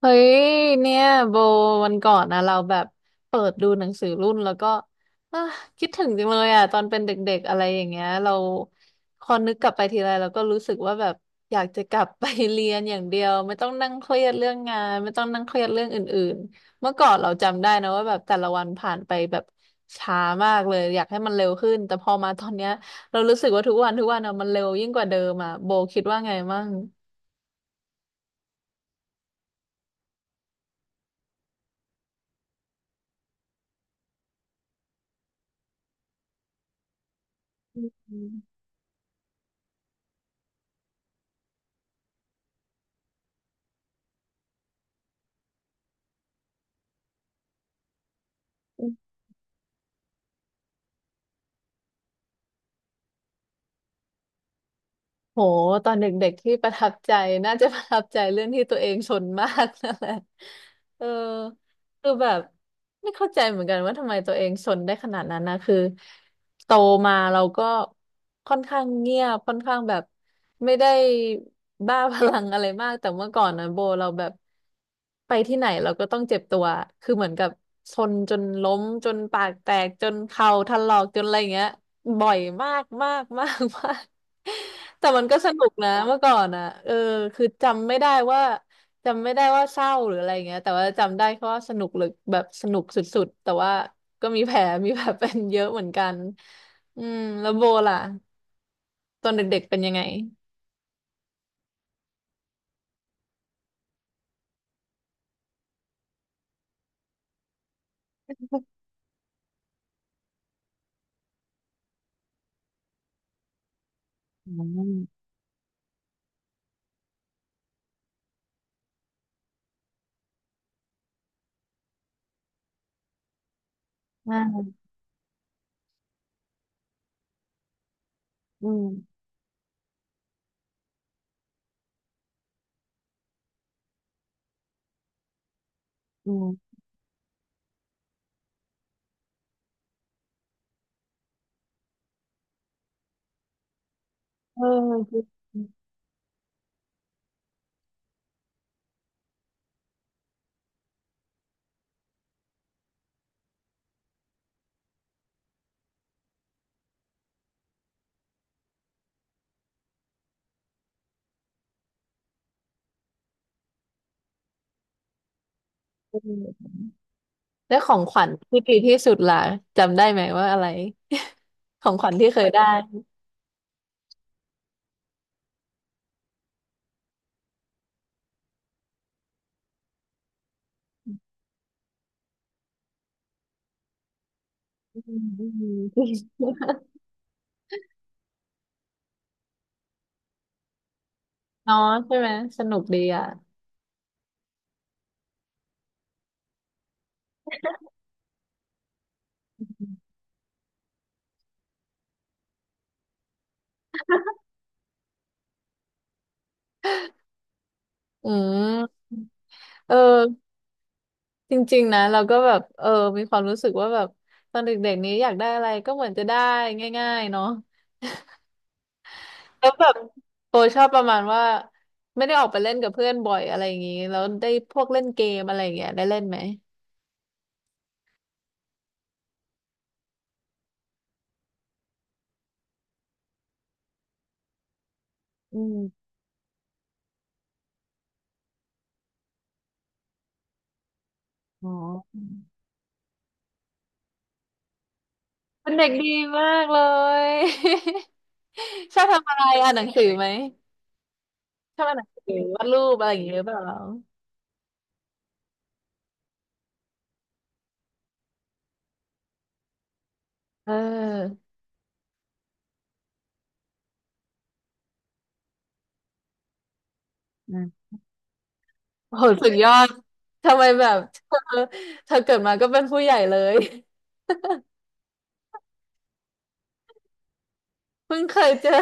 เฮ้ยเนี่ยโบวันก่อนนะเราแบบเปิดดูหนังสือรุ่นแล้วก็อ่ะคิดถึงจังเลยอ่ะตอนเป็นเด็กๆอะไรอย่างเงี้ยเราพอนึกกลับไปทีไรเราก็รู้สึกว่าแบบอยากจะกลับไป เรียนอย่างเดียวไม่ต้องนั่งเครียดเรื่องงานไม่ต้องนั่งเครียดเรื่องอื่นๆเมื่อก่อนเราจำได้นะว่าแบบแต่ละวันผ่านไปแบบช้ามากเลยอยากให้มันเร็วขึ้นแต่พอมาตอนเนี้ยเรารู้สึกว่าทุกวันอะมันเร็วยิ่งกว่าเดิมอ่ะโบคิดว่าไงมั่งอืม โหตอนเด็กๆที่ประทับใจน่าจะประทับใจเรื่องที่ตัวเองชนมากนั่นแหละ เออคือแบบไม่เข้าใจเหมือนกันว่าทำไมตัวเองชนได้ขนาดนั้นนะคือโตมาเราก็ค่อนข้างเงียบค่อนข้างแบบไม่ได้บ้าพลังอะไรมากแต่เมื่อก่อนนะโบเราแบบไปที่ไหนเราก็ต้องเจ็บตัวคือเหมือนกับชนจนล้มจนปากแตกจนเข่าถลอกจนอะไรอย่างเงี้ยบ่อยมากมากมากมาก แต่มันก็สนุกนะเมื่อก่อนอ่ะเออคือจำไม่ได้ว่าเศร้าหรืออะไรเงี้ยแต่ว่าจำได้แค่ว่าสนุกหรือแบบสนุกสุดๆแต่ว่าก็มีแผลมีแผลเป็นเยอะเหมือนกันอืมแล้วโบล่ะตอนเด็กๆเป็นยังไงอืมอ่าอืมอืมเออคือแล้วของขวัญที่ดีที่สุดล่ะจำได้ไหมว่าอะไรของขวัญที่เคยได้อืมอืมอืมเนาะใช่ไหมสนุกดีอ่ะ อืมเออจริงๆนะเราก็แบบเออมีความรู้สึกว่าแบบตอนเด็กๆนี้อยากได้อะไรก็เหมือนจะได้ง่ายๆเนาะแล้วแบบโอชอบประมาณว่าไม่ได้ออกไปเล่นกับเพื่อนบ่อยอะไรอย่างนี้แล้วได้พวกเล่นเกมอะไรอย่างเงี้ยได้เล่นไหมอืมอ๋อเป็นเด็กดีมากเลย ชอบทำอะไรอ่านหนังสือไหมชอบอ่านหนังสือวาดรูปอะไรอย่างเงี้ยหรือเปล่าเออ โหสุดยอด ทำไมแบบเธอเธอเกิดมาก็เป็นผู้ใหญ่เลย เพิ่งเคยเจอ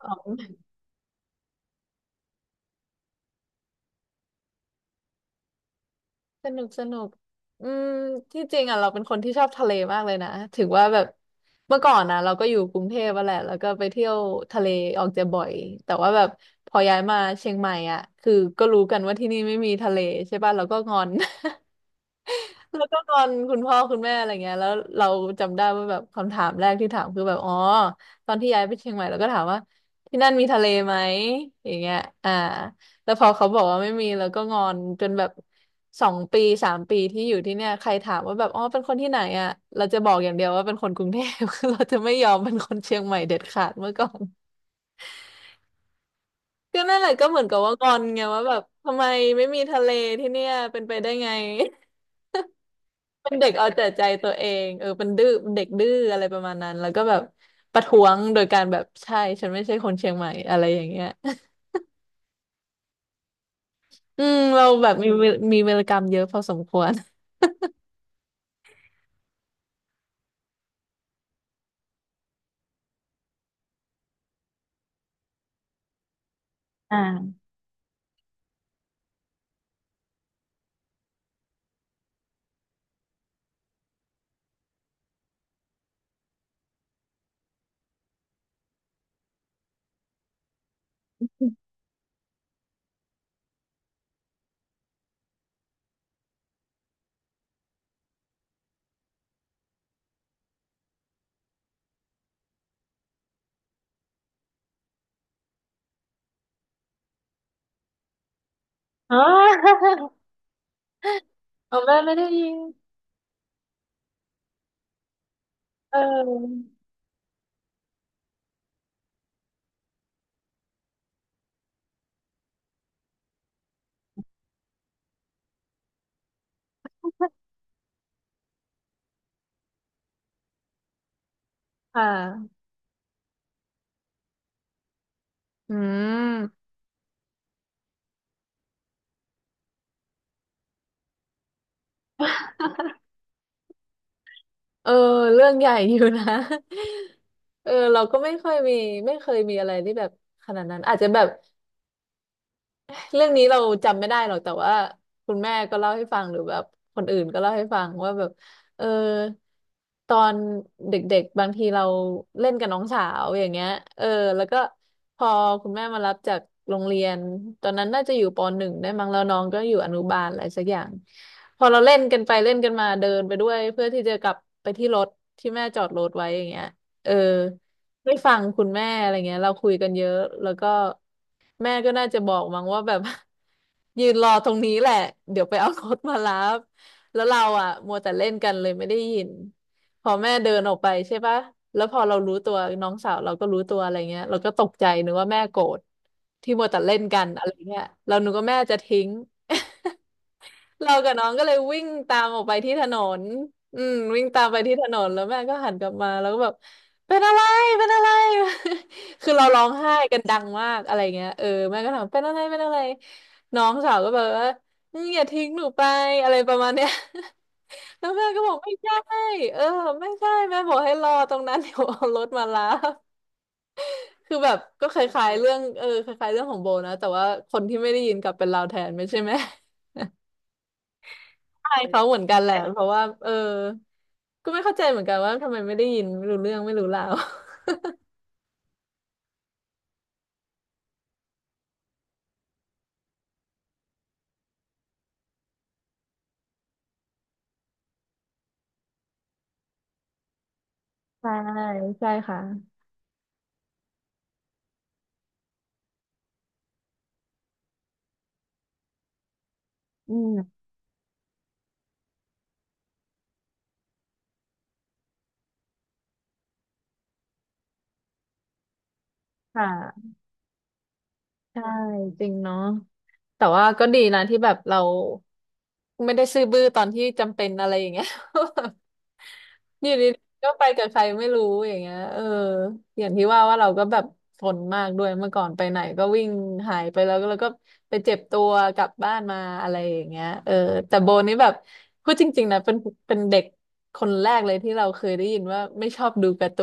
อ๋อ สนุกสนุกอืมที่จริงอ่ะเราเป็นคนที่ชอบทะเลมากเลยนะถึงว่าแบบเมื่อก่อนนะเราก็อยู่กรุงเทพอะแหละแล้วก็ไปเที่ยวทะเลออกจะบ่อยแต่ว่าแบบพอย้ายมาเชียงใหม่อ่ะคือก็รู้กันว่าที่นี่ไม่มีทะเลใช่ป่ะเราก็งอน แล้วก็งอนคุณพ่อคุณแม่อะไรเงี้ยแล้วเราจำได้ว่าแบบคำถามแรกที่ถามคือแบบอ๋อตอนที่ย้ายไปเชียงใหม่เราก็ถามว่าที่นั่นมีทะเลไหมอย่างเงี้ยอ่า แล้วพอเขาบอกว่าไม่มีแล้วก็งอนจนแบบสองปีสามปีที่อยู่ที่เนี่ยใครถามว่าแบบอ๋อเป็นคนที่ไหนอ่ะเราจะบอกอย่างเดียวว่าเป็นคนกรุงเทพ เราจะไม่ยอมเป็นคนเชียงใหม่เด็ดขาดเมื่อก่อนก็นั่นแหละก็เหมือนกับว่างอนไงว่าแบบทำไมไม่มีทะเลที่เนี่ยเป็นไปได้ไง เป็นเด็กเอาแต่ใจตัวเองเออเป็นดื้อเป็นเด็กดื้ออะไรประมาณนั้นแล้วก็แบบประท้วงโดยการแบบใช่ฉันไม่ใช่คนเชียงใหม่อะไรอย่างเงี้ย อืมเราแบบมีเวรกรรมเยอะพอสมควรอ่า อ๋อ เอาแม่ไม่ได้ยินเออ ค่ะ อืม เออ เรื่องใหญ่อยู่นะ เออ เราก็ไม่ค่อยมีไม่เคยมีอะไรที่แบบขนาดนั้นอาจจะแบบ เรื่องนี้เราจำไม่ได้หรอกแต่ว่าคุณแม่ก็เล่าให้ฟังหรือแบบคนอื่นก็เล่าให้ฟังว่าแบบเออตอนเด็กๆบางทีเราเล่นกับน้องสาวอย่างเงี้ยเออแล้วก็พอคุณแม่มารับจากโรงเรียนตอนนั้นน่าจะอยู่ปหนึ่งได้มั้งแล้วน้องก็อยู่อนุบาลอะไรสักอย่างพอเราเล่นกันไปเล่นกันมาเดินไปด้วยเพื่อที่จะกลับไปที่รถที่แม่จอดรถไว้อย่างเงี้ยเออ ไม่ฟังคุณแม่อะไรเงี้ยเราคุยกันเยอะแล้วก็แม่ก็น่าจะบอกมั้งว่าแบบ ยืนรอตรงนี้แหละเดี๋ยวไปเอารถมารับแล้วเราอ่ะมัวแต่เล่นกันเลยไม่ได้ยินพอแม่เดินออกไปใช่ปะแล้วพอเรารู้ตัวน้องสาวเราก็รู้ตัวอะไรเงี้ยเราก็ตกใจนึกว่าแม่โกรธที่มัวแต่เล่นกันอะไรเงี้ยเรานึกว่าแม่จะทิ้ง เรากับน้องก็เลยวิ่งตามออกไปที่ถนนวิ่งตามไปที่ถนนแล้วแม่ก็หันกลับมาแล้วก็แบบเป็นอะไรเป็นอะไร คือเราร้องไห้กันดังมากอะไรเงี้ยเออแม่ก็ถามเป็นอะไรเป็นอะไรน้องสาวก็แบบว่าอย่าทิ้งหนูไปอะไรประมาณเนี้ย แล้วแม่ก็บอกไม่ใช่เออไม่ใช่แม่บอกให้รอตรงนั้น เดี๋ยวเอารถมารับคือแบบก็คล้ายๆเรื่องเออคล้ายๆเรื่องของโบนะแต่ว่าคนที่ไม่ได้ยินกลับเป็นเราแทนไม่ใช่ไหม ใช่เขาเหมือนกันแหละเพราะว่าเออก็ไม่เข้าใจเหมือนกันว่าทำไมไม่ได้ยินไม่รู้เรื่องไม่รู้ราวใช่ใช่ค่ะอืมค่ะใช่จริงเนาะแต่ว่าก็ดีนะที่แบบเราไม่ได้ซื่อบื้อตอนที่จำเป็นอะไรอย่างเงี้ย อยู่ดีๆก็ไปกับใครไม่รู้อย่างเงี้ยเอออย่างที่ว่าว่าเราก็แบบทนมากด้วยเมื่อก่อนไปไหนก็วิ่งหายไปแล้วก็ไปเจ็บตัวกลับบ้านมาอะไรอย่างเงี้ยเออแต่โบนี่แบบพูดจริงๆนะเป็นเด็กคนแรกเลยที่เราเคยได้ยินว่าไม่ชอบดูการ์ตู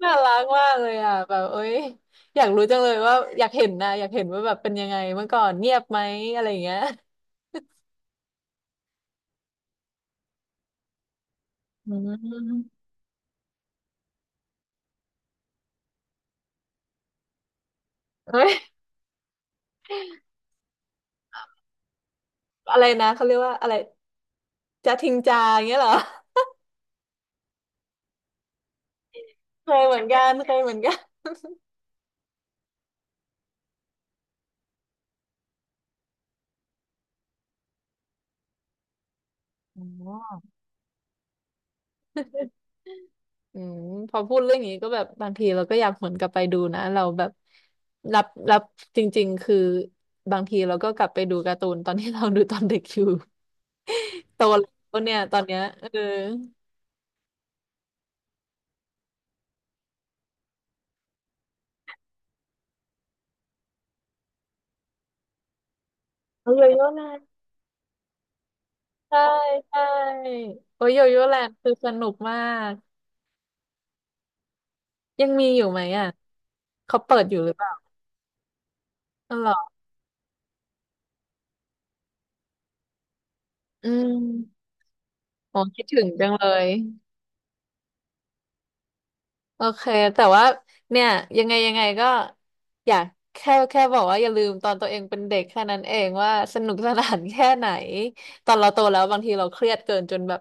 น น่ารักมากเลยอ่ะแบบเอ้ยอยากรู้จังเลยว่าอยากเห็นนะอยากเห็นว่าแบบเป็นยังไงเมื่อก่อนเงียบไหมอะไรอย่างเงี้ยอืม เอ้ยอะไรนะเขาเรียกว่าอะไรจะทิ้งจาอย่างเงี้ยเหรอ เคยเหมือนกันเคยเหมือนกันอ๋ออืมพอพูดเรื่องนี้ก็แบบบางทีเราก็อยากหวนกลับไปดูนะเราแบบรับจริงๆคือบางทีเราก็กลับไปดูการ์ตูนตอนที่เราดูตอนเด็กอยู่โตแล้วเนี่ยตอนเนี้ยเออโอ้โยโย่แลนด์ใช่ใช่โอ้ยโยโย่แลนด์คือสนุกมากยังมีอยู่ไหมอ่ะเขาเปิดอยู่หรือเปล่าอ๋อเหรออืมอ๋อคิดถึงจังเลย โอเคแต่ว่าเนี่ยยังไงยังไงก็อยากแค่บอกว่าอย่าลืมตอนตัวเองเป็นเด็กแค่นั้นเองว่าสนุกสนานแค่ไหนตอนเราโตแล้วบางทีเราเครียดเกินจนแบบ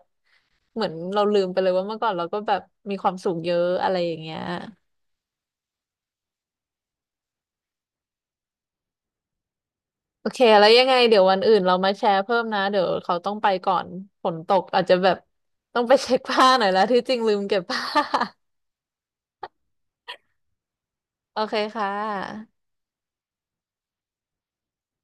เหมือนเราลืมไปเลยว่าเมื่อก่อนเราก็แบบมีความสุขเยอะอะไรอย่างเงี้ยโอเคแล้วยังไงเดี๋ยววันอื่นเรามาแชร์เพิ่มนะเดี๋ยวเขาต้องไปก่อนฝนตกอาจจะแบบต้องไปเช็คผ้าหน่อยแล้วที่จริงลืมเก็บผ้า โอเคค่ะ